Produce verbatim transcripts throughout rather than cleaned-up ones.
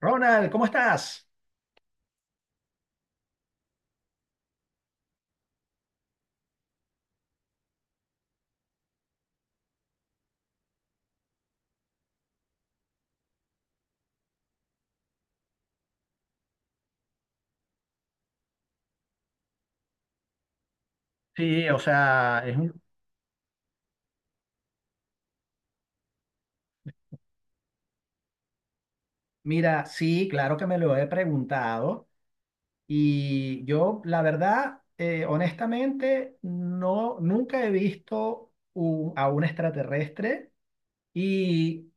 Ronald, ¿cómo estás? Sí, o sea, es un... Mira, sí, claro que me lo he preguntado y yo, la verdad, eh, honestamente, no, nunca he visto un- a un extraterrestre y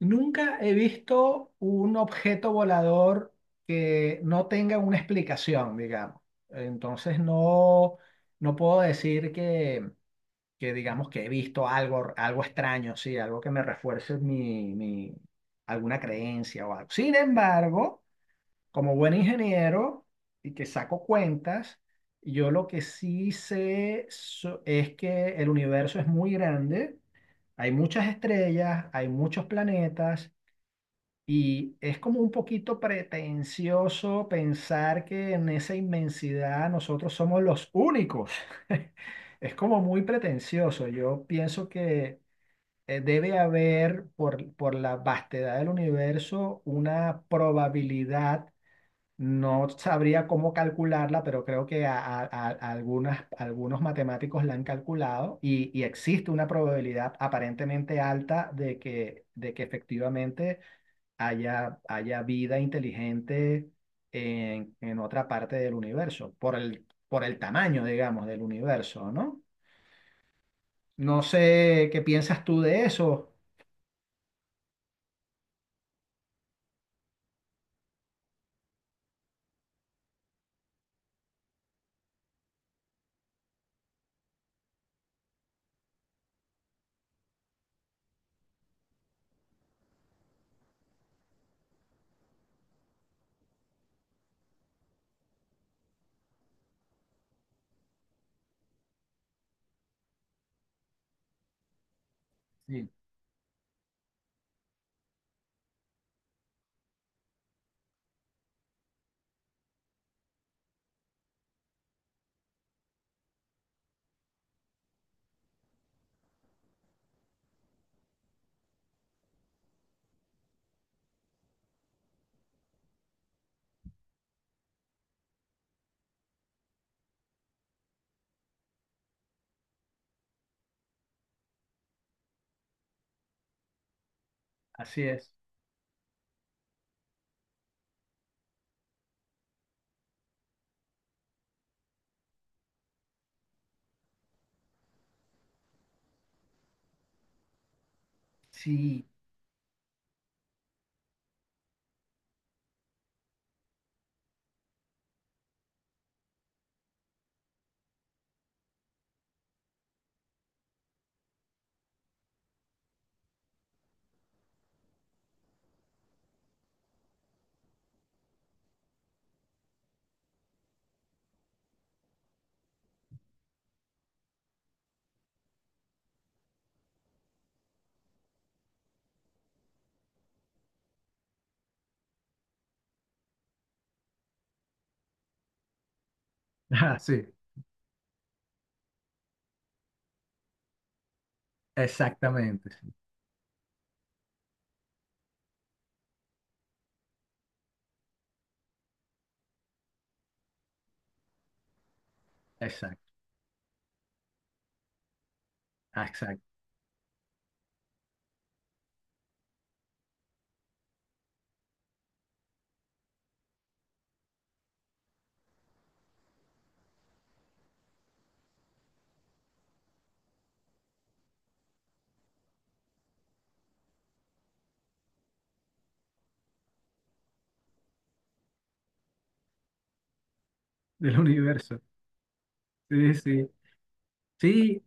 nunca he visto un objeto volador que no tenga una explicación, digamos. Entonces, no, no puedo decir que digamos que he visto algo, algo extraño, sí, algo que me refuerce mi, mi, alguna creencia o algo. Sin embargo, como buen ingeniero y que saco cuentas, yo lo que sí sé so- es que el universo es muy grande, hay muchas estrellas, hay muchos planetas y es como un poquito pretencioso pensar que en esa inmensidad nosotros somos los únicos. Es como muy pretencioso. Yo pienso que eh, debe haber por, por la vastedad del universo una probabilidad. No sabría cómo calcularla, pero creo que a, a- a- a algunas, algunos matemáticos la han calculado y, y existe una probabilidad aparentemente alta de que, de que efectivamente haya, haya vida inteligente en, en otra parte del universo, por el, por el tamaño, digamos, del universo, ¿no? No sé qué piensas tú de eso. Sí, así es. Sí. Ah, sí, exactamente, sí, exacto, ah, exacto, del universo. Sí, sí. Sí,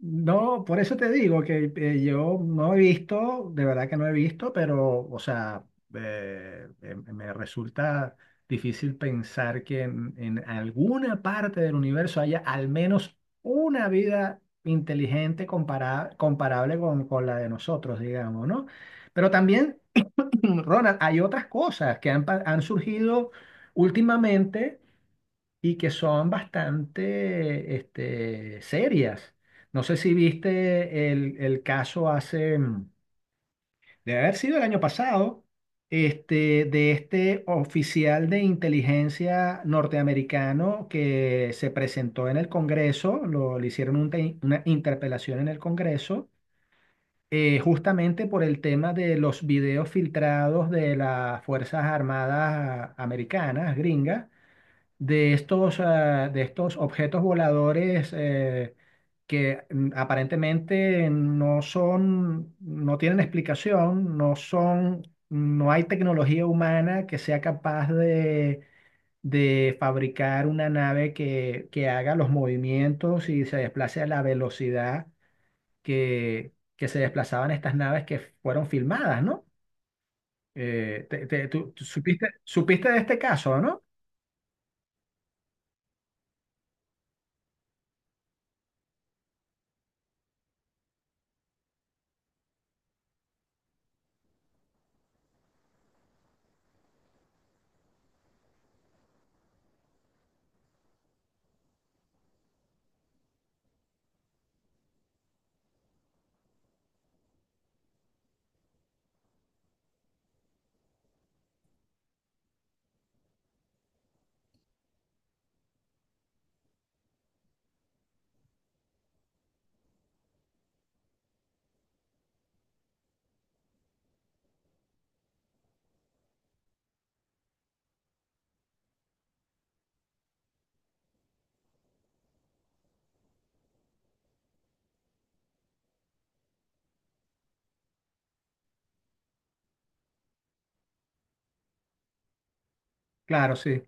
no, por eso te digo que eh, yo no he visto, de verdad que no he visto, pero, o sea, eh, eh, me resulta difícil pensar que en, en alguna parte del universo haya al menos una vida inteligente compara- comparable con, con la de nosotros, digamos, ¿no? Pero también. Ronald, hay otras cosas que han, pa- han surgido últimamente y que son bastante este, serias. No sé si viste el, el caso hace, mm, debe haber sido el año pasado, este, de este oficial de inteligencia norteamericano que se presentó en el Congreso, lo, le hicieron un te- una interpelación en el Congreso. Eh, justamente por el tema de los videos filtrados de las Fuerzas Armadas americanas, gringas, de estos, ah, de estos objetos voladores, eh, que mm, aparentemente no son, no tienen explicación, no son, no hay tecnología humana que sea capaz de, de fabricar una nave que, que haga los movimientos y se desplace a la velocidad que, que se desplazaban estas naves que fueron filmadas, ¿no? Eh, te- te- tú, tú supiste, supiste de este caso, ¿no? Claro, sí,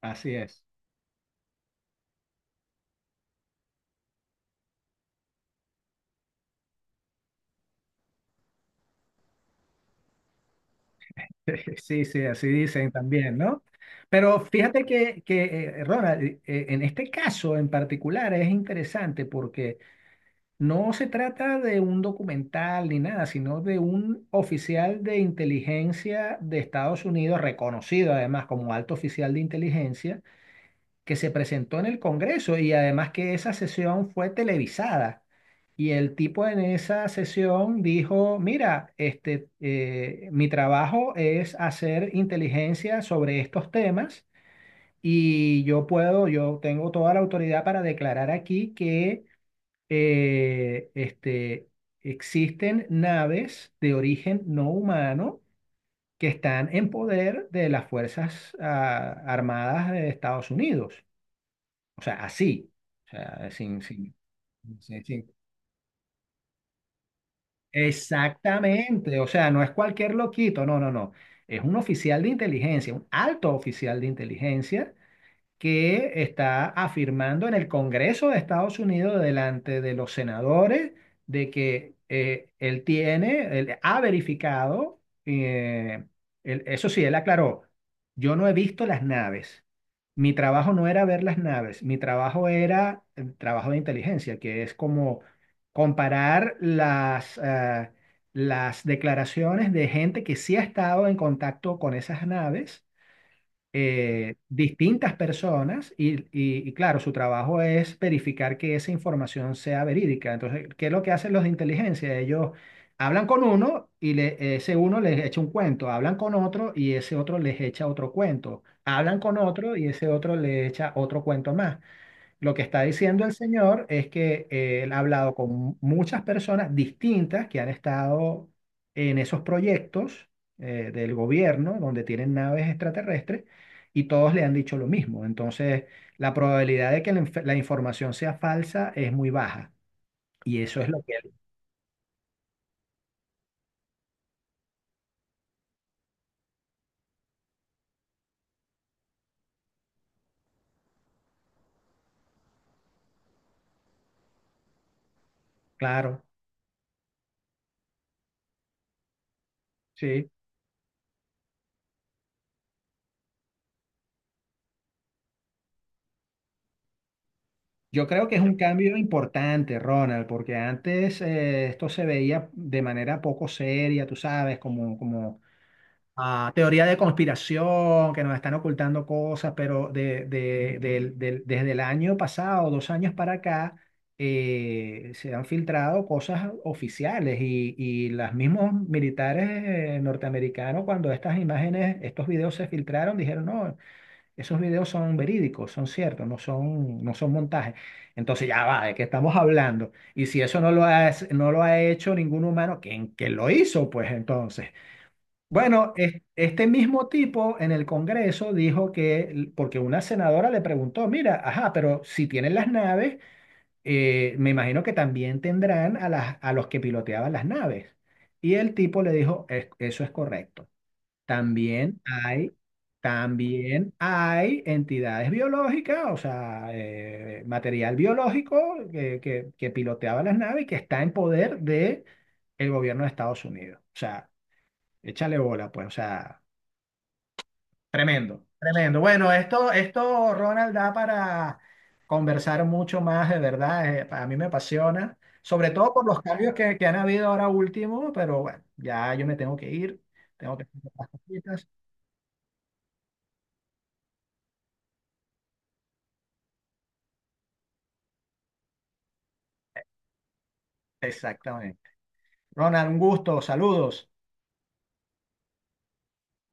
así es. Sí, sí, así dicen también, ¿no? Pero fíjate que, que eh, Ronald, eh, eh, en este caso en particular es interesante porque no se trata de un documental ni nada, sino de un oficial de inteligencia de Estados Unidos, reconocido además como alto oficial de inteligencia, que se presentó en el Congreso, y además que esa sesión fue televisada. Y el tipo en esa sesión dijo: mira, este, eh, mi trabajo es hacer inteligencia sobre estos temas y yo puedo, yo tengo toda la autoridad para declarar aquí que eh, este, existen naves de origen no humano que están en poder de las Fuerzas ah, Armadas de Estados Unidos. O sea, así. O sea, sin, sin, sin- sin- Exactamente. O sea, no es cualquier loquito, no, no, no. Es un oficial de inteligencia, un alto oficial de inteligencia que está afirmando en el Congreso de Estados Unidos delante de los senadores de que eh, él tiene, él ha verificado, eh, él- eso sí, él aclaró, yo no he visto las naves. Mi trabajo no era ver las naves, mi trabajo era el trabajo de inteligencia, que es como comparar las, ah, las declaraciones de gente que sí ha estado en contacto con esas naves, eh, distintas personas y, y- y claro, su trabajo es verificar que esa información sea verídica. Entonces, ¿qué es lo que hacen los de inteligencia? Ellos hablan con uno y le- ese uno les echa un cuento, hablan con otro y ese otro les echa otro cuento, hablan con otro y ese otro le echa otro cuento más. Lo que está diciendo el señor es que eh, él ha hablado con muchas personas distintas que han estado en esos proyectos, eh, del gobierno, donde tienen naves extraterrestres y todos le han dicho lo mismo. Entonces, la probabilidad de que la, inf- la información sea falsa es muy baja. Y eso es lo que claro, sí. Yo creo que es un cambio importante, Ronald, porque antes eh, esto se veía de manera poco seria, tú sabes, como, como ah, teoría de conspiración, que nos están ocultando cosas, pero de, de- del- del- desde el año pasado, dos años para acá, eh, se han filtrado cosas oficiales y, y los mismos militares eh, norteamericanos, cuando estas imágenes, estos videos se filtraron, dijeron, no, esos videos son verídicos, son ciertos, no son, no son montajes. Entonces ya va, ¿de qué estamos hablando? Y si eso no lo ha, no lo ha hecho ningún humano, ¿quién, quién lo hizo? Pues entonces. Bueno, es- este mismo tipo en el Congreso dijo que, porque una senadora le preguntó, mira, ajá, pero si tienen las naves, eh, me imagino que también tendrán a, las, a los que piloteaban las naves. Y el tipo le dijo: "Es- eso es correcto. También hay, también hay entidades biológicas, o sea, eh, material biológico que, que, que piloteaba las naves y que está en poder de el gobierno de Estados Unidos." O sea, échale bola, pues, o sea. Tremendo, tremendo. Bueno, esto, esto, Ronald, da para conversar mucho más, de verdad. Eh, a mí me apasiona, sobre todo por los cambios que, que han habido ahora último, pero bueno, ya yo me tengo que ir, tengo que hacer las cositas. Exactamente. Ronald, un gusto, saludos.